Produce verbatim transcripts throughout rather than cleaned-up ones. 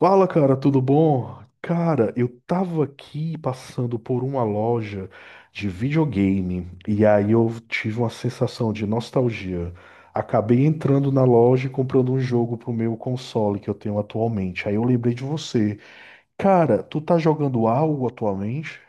Fala, cara, tudo bom? Cara, eu tava aqui passando por uma loja de videogame e aí eu tive uma sensação de nostalgia. Acabei entrando na loja e comprando um jogo pro meu console que eu tenho atualmente. Aí eu lembrei de você. Cara, tu tá jogando algo atualmente?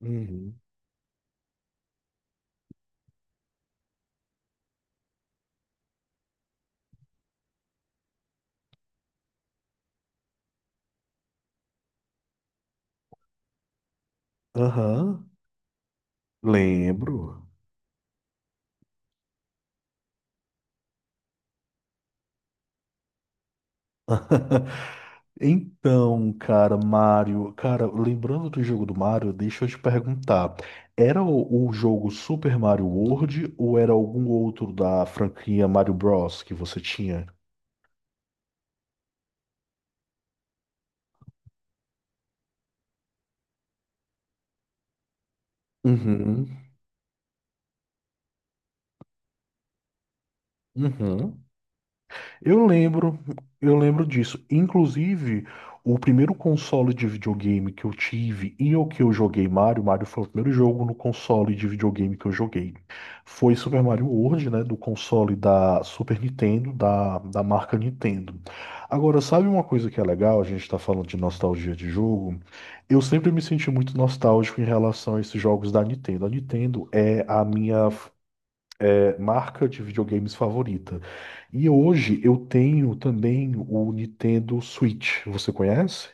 Uhum. Aham, lembro. Então, cara, Mario, cara, lembrando do jogo do Mario, deixa eu te perguntar, era o, o jogo Super Mario World ou era algum outro da franquia Mario Bros que você tinha? Uhum, uhum. Eu lembro, eu lembro disso. Inclusive, o primeiro console de videogame que eu tive e o que eu joguei Mario, Mario foi o primeiro jogo no console de videogame que eu joguei. Foi Super Mario World, né, do console da Super Nintendo, da, da marca Nintendo. Agora, sabe uma coisa que é legal? A gente está falando de nostalgia de jogo. Eu sempre me senti muito nostálgico em relação a esses jogos da Nintendo. A Nintendo é a minha é, marca de videogames favorita. E hoje eu tenho também o Nintendo Switch. Você conhece?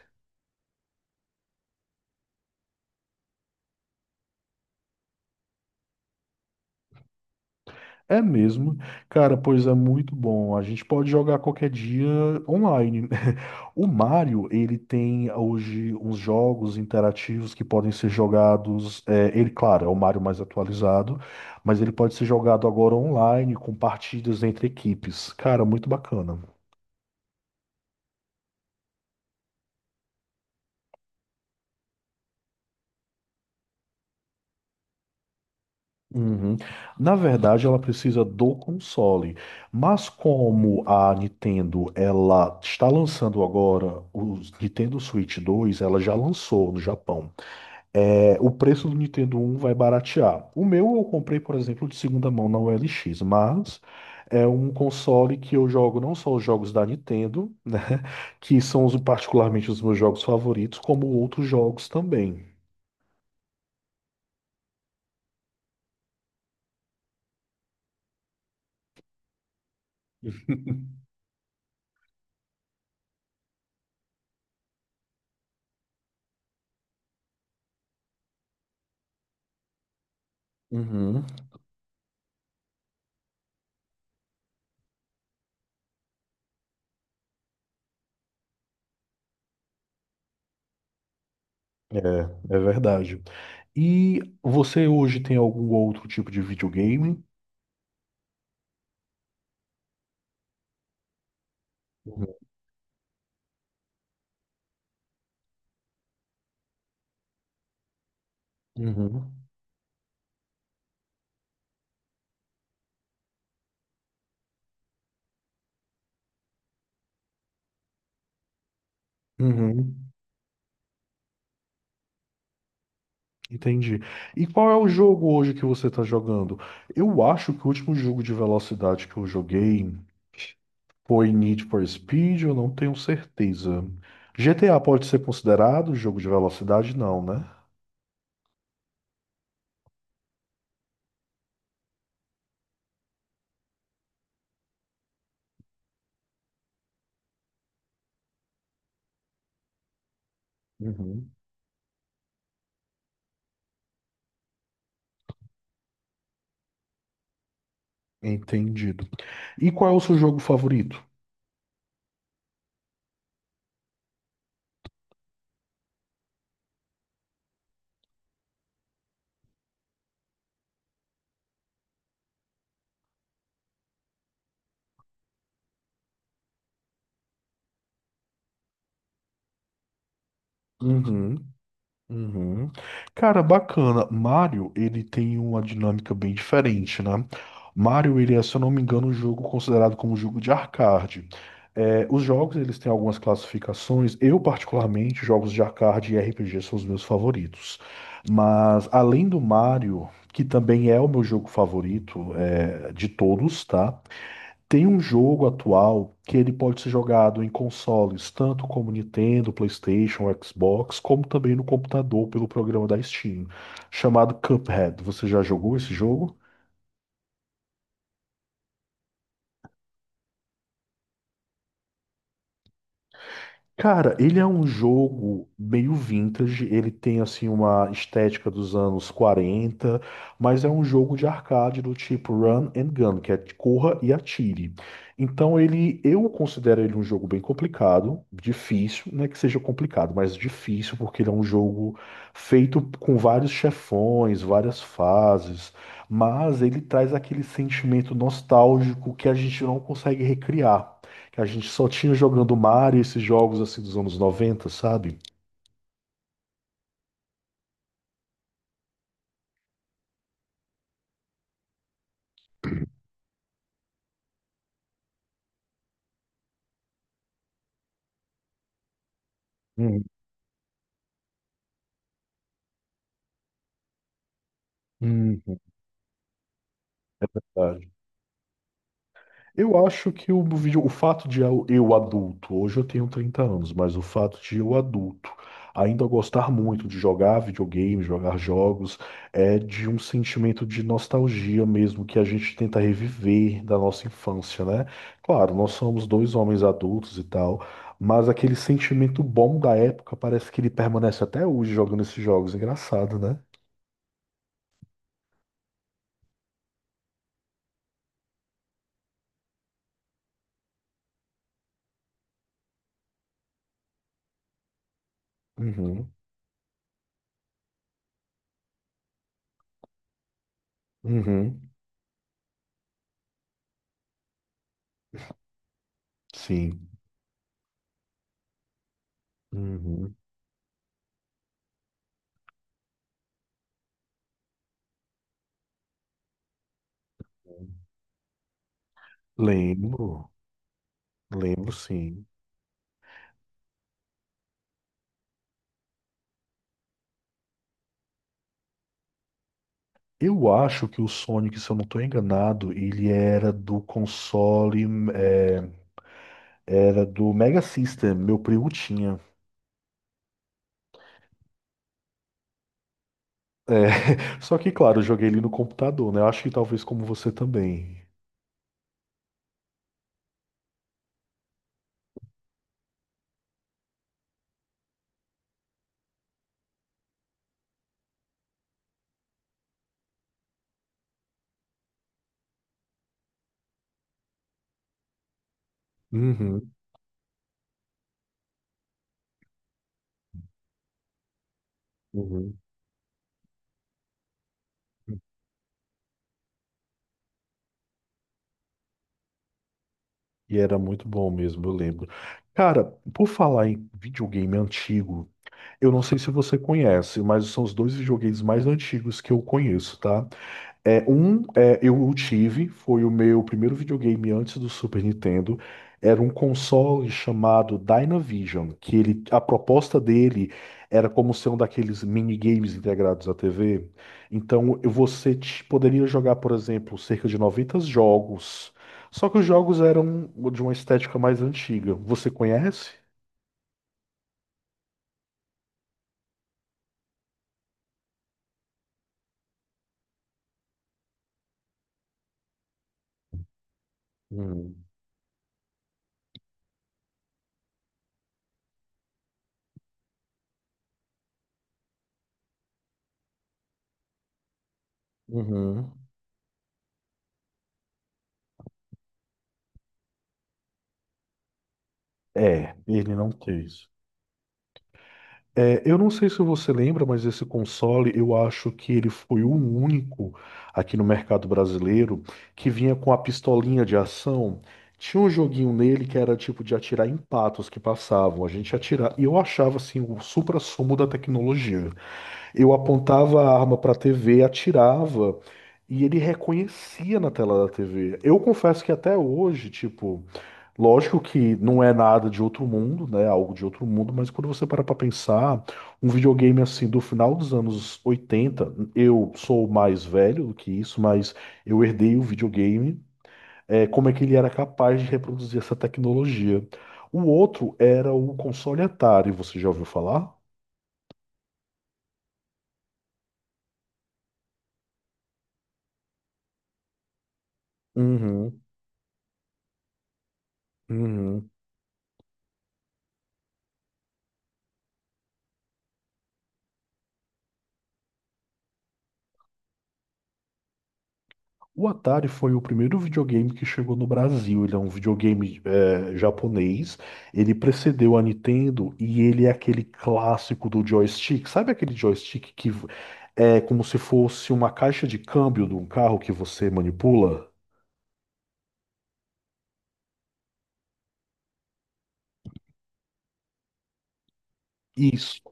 É mesmo? Cara, pois é muito bom. A gente pode jogar qualquer dia online. O Mario, ele tem hoje uns jogos interativos que podem ser jogados. É, ele, claro, é o Mario mais atualizado, mas ele pode ser jogado agora online com partidas entre equipes. Cara, muito bacana. Uhum. Na verdade, ela precisa do console, mas como a Nintendo ela está lançando agora o Nintendo Switch dois, ela já lançou no Japão. É, o preço do Nintendo um vai baratear. O meu eu comprei, por exemplo, de segunda mão na O L X, mas é um console que eu jogo não só os jogos da Nintendo, né, que são os- particularmente os meus jogos favoritos, como outros jogos também. Uhum. É, é verdade. E você hoje tem algum outro tipo de videogame? Uhum. Uhum. Uhum. Entendi. E qual é o jogo hoje que você está jogando? Eu acho que o último jogo de velocidade que eu joguei foi Need for Speed, eu não tenho certeza. G T A pode ser considerado jogo de velocidade? Não, né? Uhum. Entendido. E qual é o seu jogo favorito? Uhum. Uhum. Cara, bacana. Mario, ele tem uma dinâmica bem diferente, né? Mario, ele é, se eu não me engano, um jogo considerado como um jogo de arcade. É, os jogos, eles têm algumas classificações. Eu, particularmente, jogos de arcade e R P G são os meus favoritos. Mas, além do Mario, que também é o meu jogo favorito, é, de todos, tá? Tem um jogo atual que ele pode ser jogado em consoles, tanto como Nintendo, PlayStation, Xbox, como também no computador pelo programa da Steam, chamado Cuphead. Você já jogou esse jogo? Cara, ele é um jogo meio vintage, ele tem assim uma estética dos anos quarenta, mas é um jogo de arcade do tipo run and gun, que é corra e atire. Então ele, eu considero ele um jogo bem complicado, difícil, não é que seja complicado, mas difícil porque ele é um jogo feito com vários chefões, várias fases, mas ele traz aquele sentimento nostálgico que a gente não consegue recriar que a gente só tinha jogando Mario, esses jogos assim dos anos noventa, sabe? Uhum. Uhum. Verdade. Eu acho que o vídeo, o fato de eu, eu adulto, hoje eu tenho trinta anos, mas o fato de eu adulto ainda gostar muito de jogar videogame, jogar jogos, é de um sentimento de nostalgia mesmo que a gente tenta reviver da nossa infância, né? Claro, nós somos dois homens adultos e tal, mas aquele sentimento bom da época parece que ele permanece até hoje jogando esses jogos, engraçado, né? Uhum, uhum, sim. Uhum. Lembro, lembro sim. Eu acho que o Sonic, se eu não estou enganado, ele era do console, é, era do Mega System, meu primo tinha. É, só que, claro, eu joguei ele no computador, né? Eu acho que talvez como você também. Uhum, uhum. E era muito bom mesmo, eu lembro. Cara, por falar em videogame antigo, eu não sei se você conhece, mas são os dois videogames mais antigos que eu conheço, tá? É, um é, eu tive, foi o meu primeiro videogame antes do Super Nintendo. Era um console chamado Dynavision, que ele, a proposta dele era como ser um daqueles minigames integrados à T V. Então você te- poderia jogar, por exemplo, cerca de noventa jogos. Só que os jogos eram de uma estética mais antiga. Você conhece? Hum, uhum. É, ele não teve. É, eu não sei se você lembra, mas esse console, eu acho que ele foi o único aqui no mercado brasileiro que vinha com a pistolinha de ação. Tinha um joguinho nele que era tipo de atirar em patos que passavam. A gente atirava. E eu achava assim o supra-sumo da tecnologia. Eu apontava a arma para a T V, atirava e ele reconhecia na tela da T V. Eu confesso que até hoje, tipo. Lógico que não é nada de outro mundo, né? Algo de outro mundo, mas quando você para pra pensar, um videogame assim do final dos anos oitenta eu sou mais velho do que isso, mas eu herdei o videogame, é, como é que ele era capaz de reproduzir essa tecnologia. O outro era o console Atari, você já ouviu falar? Uhum, uhum. O Atari foi o primeiro videogame que chegou no Brasil. Ele é um videogame eh, japonês. Ele precedeu a Nintendo e ele é aquele clássico do joystick. Sabe aquele joystick que é como se fosse uma caixa de câmbio de um carro que você manipula? Isso,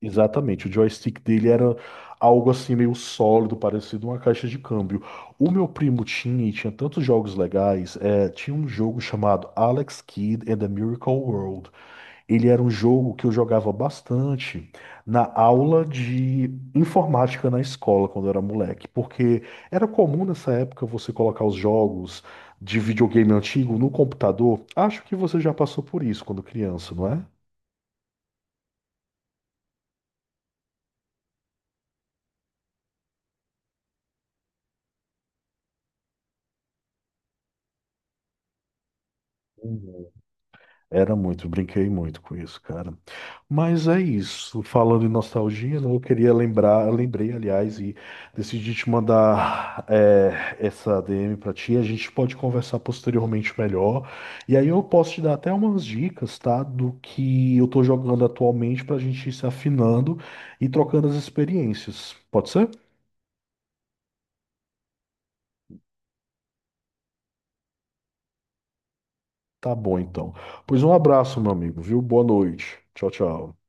exatamente. O joystick dele era algo assim meio sólido, parecido uma caixa de câmbio. O meu primo tinha e tinha tantos jogos legais. Eh, tinha um jogo chamado Alex Kidd and the Miracle World. Ele era um jogo que eu jogava bastante na aula de informática na escola quando eu era moleque, porque era comum nessa época você colocar os jogos de videogame antigo no computador. Acho que você já passou por isso quando criança, não é? Era muito, brinquei muito com isso, cara. Mas é isso. Falando em nostalgia, né, eu queria lembrar, eu lembrei, aliás, e decidi te mandar é, essa D M pra ti. A gente pode conversar posteriormente melhor. E aí eu posso te dar até umas dicas, tá? Do que eu tô jogando atualmente pra gente ir se afinando e trocando as experiências. Pode ser? Tá bom, então. Pois um abraço, meu amigo, viu? Boa noite. Tchau, tchau.